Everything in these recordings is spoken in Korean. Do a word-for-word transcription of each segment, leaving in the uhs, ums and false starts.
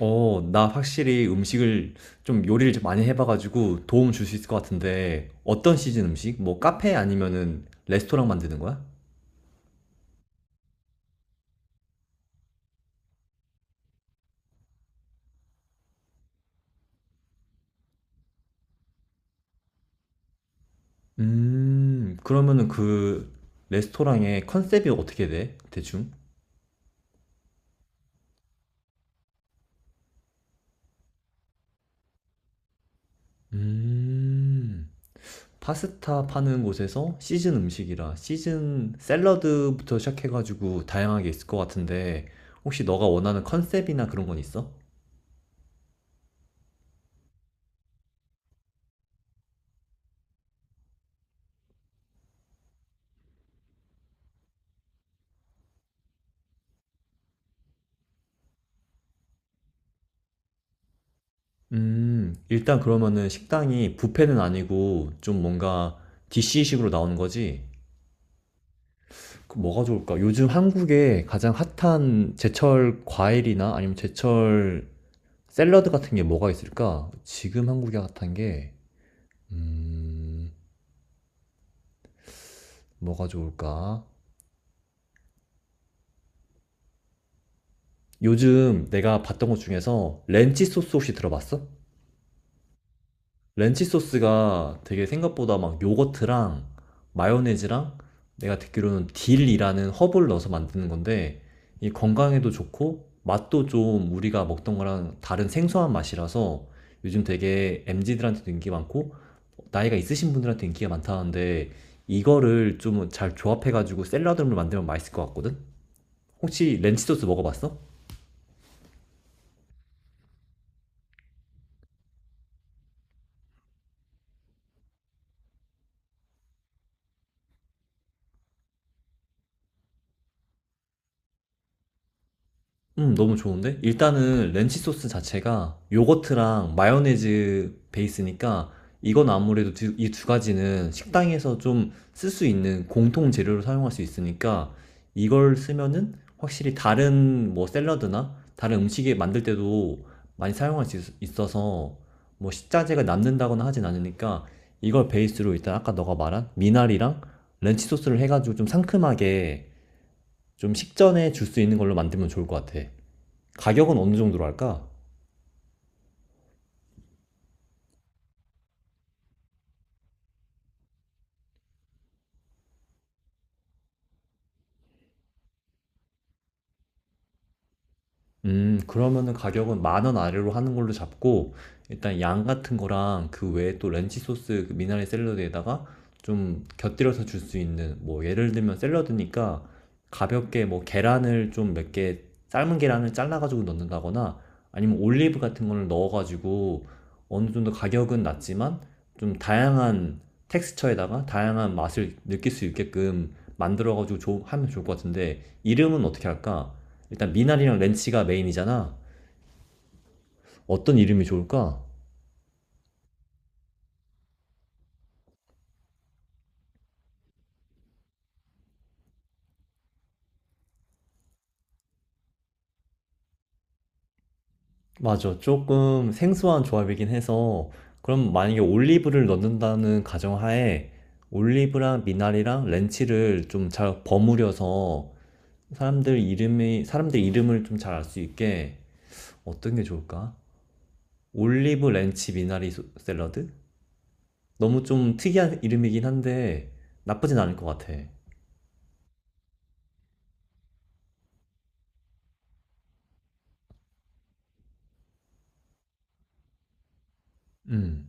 어, 나 확실히 음식을 좀 요리를 좀 많이 해봐가지고 도움 줄 수 있을 것 같은데 어떤 시즌 음식? 뭐 카페 아니면은 레스토랑 만드는 거야? 음, 그러면은 그 레스토랑의 컨셉이 어떻게 돼? 대충? 음, 파스타 파는 곳에서 시즌 음식이라 시즌 샐러드부터 시작해가지고 다양하게 있을 것 같은데 혹시 너가 원하는 컨셉이나 그런 건 있어? 음. 일단 그러면은 식당이 뷔페는 아니고 좀 뭔가 디씨식으로 나오는 거지? 그 뭐가 좋을까? 요즘 한국에 가장 핫한 제철 과일이나 아니면 제철 샐러드 같은 게 뭐가 있을까? 지금 한국에 핫한 게, 음, 뭐가 좋을까? 요즘 내가 봤던 것 중에서 렌치 소스 혹시 들어봤어? 렌치 소스가 되게 생각보다 막 요거트랑 마요네즈랑 내가 듣기로는 딜이라는 허브를 넣어서 만드는 건데 이 건강에도 좋고 맛도 좀 우리가 먹던 거랑 다른 생소한 맛이라서 요즘 되게 엠지들한테도 인기 많고 나이가 있으신 분들한테 인기가 많다는데 이거를 좀 잘 조합해가지고 샐러드를 만들면 맛있을 것 같거든? 혹시 렌치 소스 먹어봤어? 음, 너무 좋은데? 일단은 렌치 소스 자체가 요거트랑 마요네즈 베이스니까 이건 아무래도 이 두 가지는 식당에서 좀 쓸 수 있는 공통 재료로 사용할 수 있으니까 이걸 쓰면은 확실히 다른 뭐 샐러드나 다른 음식에 만들 때도 많이 사용할 수 있- 있어서 뭐 식자재가 남는다거나 하진 않으니까 이걸 베이스로 일단 아까 너가 말한 미나리랑 렌치 소스를 해가지고 좀 상큼하게 좀 식전에 줄 수 있는 걸로 만들면 좋을 것 같아. 가격은 어느 정도로 할까? 음, 그러면은 가격은 만원 아래로 하는 걸로 잡고, 일단 양 같은 거랑 그 외에 또 렌치 소스 그 미나리 샐러드에다가 좀 곁들여서 줄 수 있는, 뭐, 예를 들면 샐러드니까 가볍게 뭐 계란을 좀 몇 개, 삶은 계란을 잘라가지고 넣는다거나 아니면 올리브 같은 거를 넣어가지고 어느 정도 가격은 낮지만 좀 다양한 텍스처에다가 다양한 맛을 느낄 수 있게끔 만들어가지고 조- 하면 좋을 것 같은데, 이름은 어떻게 할까? 일단 미나리랑 렌치가 메인이잖아. 어떤 이름이 좋을까? 맞아. 조금 생소한 조합이긴 해서 그럼 만약에 올리브를 넣는다는 가정하에 올리브랑 미나리랑 렌치를 좀 잘 버무려서 사람들 이름이 사람들 이름을 좀 잘 알 수 있게 어떤 게 좋을까? 올리브 렌치 미나리 소- 샐러드? 너무 좀 특이한 이름이긴 한데 나쁘진 않을 것 같아. 음.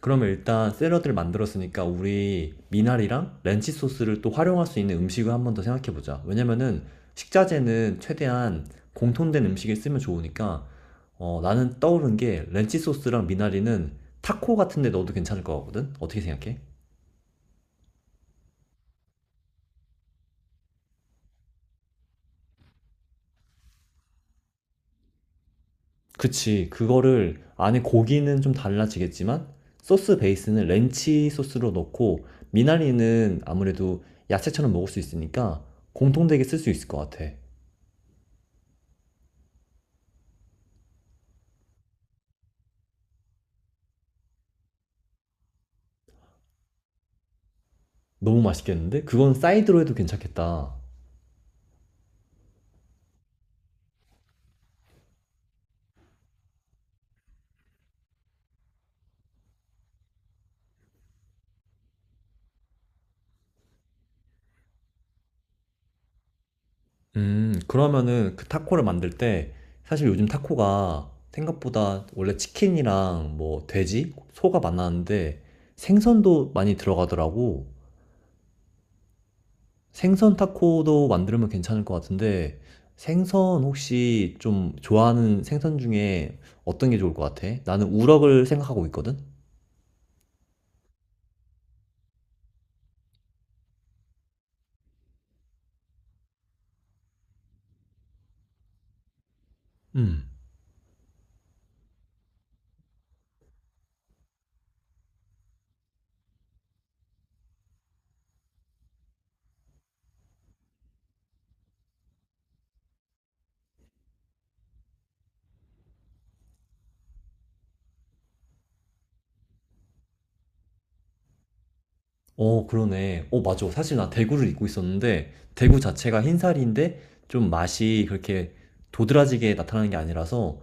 그러면 일단 샐러드를 만들었으니까 우리 미나리랑 렌치 소스를 또 활용할 수 있는 음식을 한번 더 생각해 보자. 왜냐면은 식자재는 최대한 공통된 음식에 쓰면 좋으니까 어, 나는 떠오른 게 렌치 소스랑 미나리는 타코 같은 데 넣어도 괜찮을 것 같거든? 어떻게 생각해? 그치. 그거를 안에 고기는 좀 달라지겠지만 소스 베이스는 렌치 소스로 넣고 미나리는 아무래도 야채처럼 먹을 수 있으니까 공통되게 쓸 수 있을 것 같아. 너무 맛있겠는데? 그건 사이드로 해도 괜찮겠다. 음, 그러면은 그 타코를 만들 때 사실 요즘 타코가 생각보다 원래 치킨이랑 뭐 돼지, 소가 많았는데 생선도 많이 들어가더라고. 생선 타코도 만들면 괜찮을 것 같은데 생선 혹시 좀 좋아하는 생선 중에 어떤 게 좋을 것 같아? 나는 우럭을 생각하고 있거든? 음. 어, 그러네. 어, 맞아. 사실 나 대구를 입고 있었는데, 대구 자체가 흰살인데, 좀 맛이 그렇게 도드라지게 나타나는 게 아니라서,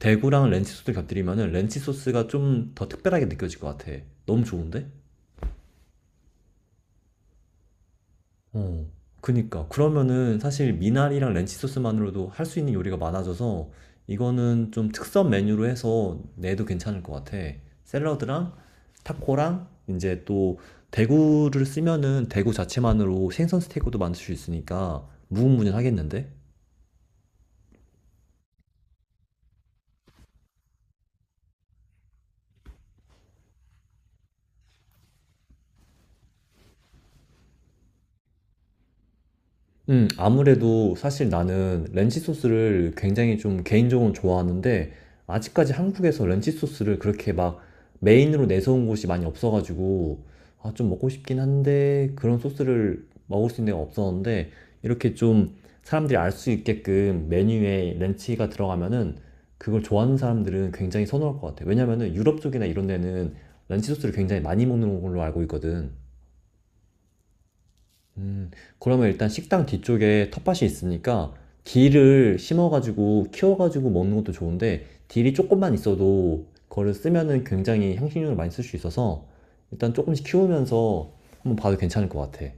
대구랑 렌치 소스를 곁들이면은 렌치 소스가 좀 더 특별하게 느껴질 것 같아. 너무 좋은데? 어, 그니까. 그러면은 사실 미나리랑 렌치 소스만으로도 할 수 있는 요리가 많아져서 이거는 좀 특선 메뉴로 해서 내도 괜찮을 것 같아. 샐러드랑 타코랑 이제 또 대구를 쓰면은 대구 자체만으로 생선 스테이크도 만들 수 있으니까 무궁무진하겠는데? 음, 아무래도 사실 나는 렌치 소스를 굉장히 좀 개인적으로 좋아하는데, 아직까지 한국에서 렌치 소스를 그렇게 막 메인으로 내세운 곳이 많이 없어가지고, 아, 좀 먹고 싶긴 한데, 그런 소스를 먹을 수 있는 데가 없었는데, 이렇게 좀 사람들이 알 수 있게끔 메뉴에 렌치가 들어가면은, 그걸 좋아하는 사람들은 굉장히 선호할 것 같아. 왜냐면은 유럽 쪽이나 이런 데는 렌치 소스를 굉장히 많이 먹는 걸로 알고 있거든. 음, 그러면 일단 식당 뒤쪽에 텃밭이 있으니까 딜을 심어가지고 키워가지고 먹는 것도 좋은데 딜이 조금만 있어도 그거를 쓰면은 굉장히 향신료를 많이 쓸 수 있어서 일단 조금씩 키우면서 한번 봐도 괜찮을 것 같아.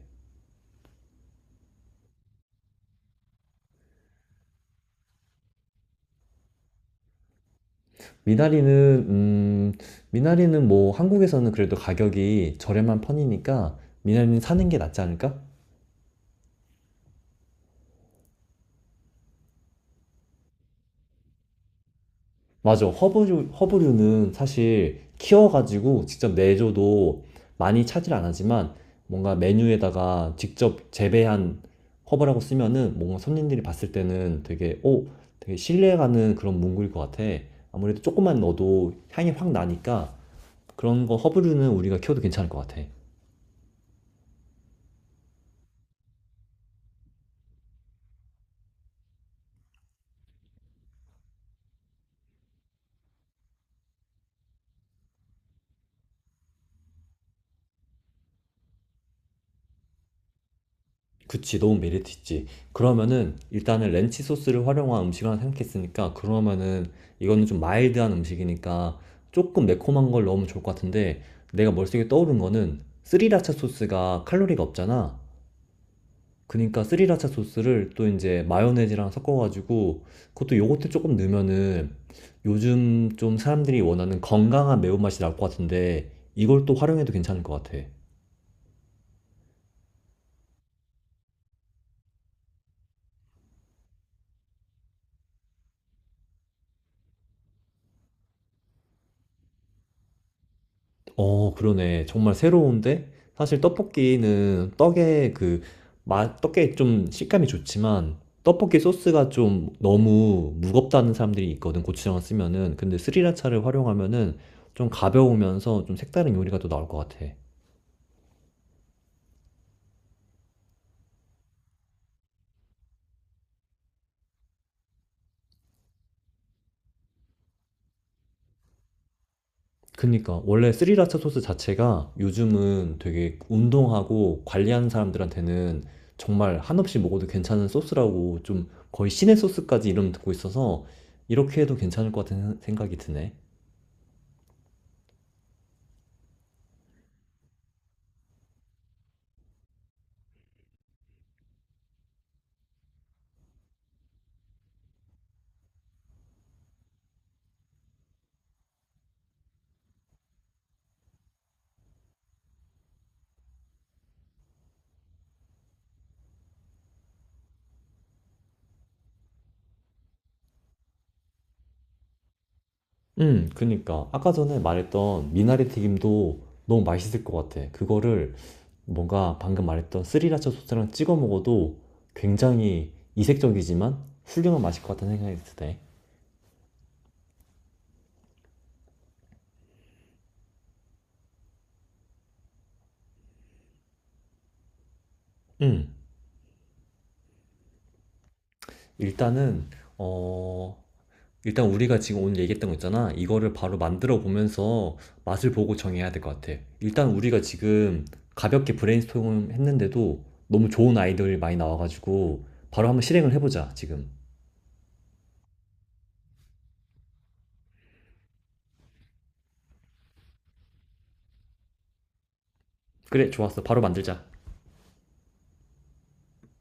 미나리는 음, 미나리는 뭐 한국에서는 그래도 가격이 저렴한 편이니까 미나리는 사는 게 낫지 않을까? 맞아. 허브류, 허브류는 사실 키워가지고 직접 내줘도 많이 차질 안 하지만 뭔가 메뉴에다가 직접 재배한 허브라고 쓰면은 뭔가 손님들이 봤을 때는 되게, 오, 되게 신뢰가는 그런 문구일 것 같아. 아무래도 조금만 넣어도 향이 확 나니까 그런 거 허브류는 우리가 키워도 괜찮을 것 같아. 그치, 너무 메리트 있지. 그러면은 일단은 렌치 소스를 활용한 음식을 하나 생각했으니까 그러면은 이거는 좀 마일드한 음식이니까 조금 매콤한 걸 넣으면 좋을 것 같은데 내가 머릿속에 떠오른 거는 스리라차 소스가 칼로리가 없잖아. 그러니까 스리라차 소스를 또 이제 마요네즈랑 섞어가지고 그것도 요거트 조금 넣으면은 요즘 좀 사람들이 원하는 건강한 매운맛이 나올 것 같은데 이걸 또 활용해도 괜찮을 것 같아. 어, 그러네. 정말 새로운데? 사실 떡볶이는 떡에 그, 맛, 떡에 좀 식감이 좋지만, 떡볶이 소스가 좀 너무 무겁다는 사람들이 있거든, 고추장을 쓰면은. 근데 스리라차를 활용하면은 좀 가벼우면서 좀 색다른 요리가 또 나올 것 같아. 그니까, 원래 스리라차 소스 자체가 요즘은 되게 운동하고 관리하는 사람들한테는 정말 한없이 먹어도 괜찮은 소스라고 좀 거의 신의 소스까지 이름 듣고 있어서 이렇게 해도 괜찮을 것 같은 생각이 드네. 음 그니까. 아까 전에 말했던 미나리 튀김도 너무 맛있을 것 같아. 그거를 뭔가 방금 말했던 스리라차 소스랑 찍어 먹어도 굉장히 이색적이지만 훌륭한 맛일 것 같다는 생각이 드네. 음. 일단은 어 일단 우리가 지금 오늘 얘기했던 거 있잖아. 이거를 바로 만들어 보면서 맛을 보고 정해야 될 것 같아. 일단 우리가 지금 가볍게 브레인스토밍 했는데도 너무 좋은 아이디어들이 많이 나와가지고 바로 한번 실행을 해보자, 지금. 그래, 좋았어. 바로 만들자.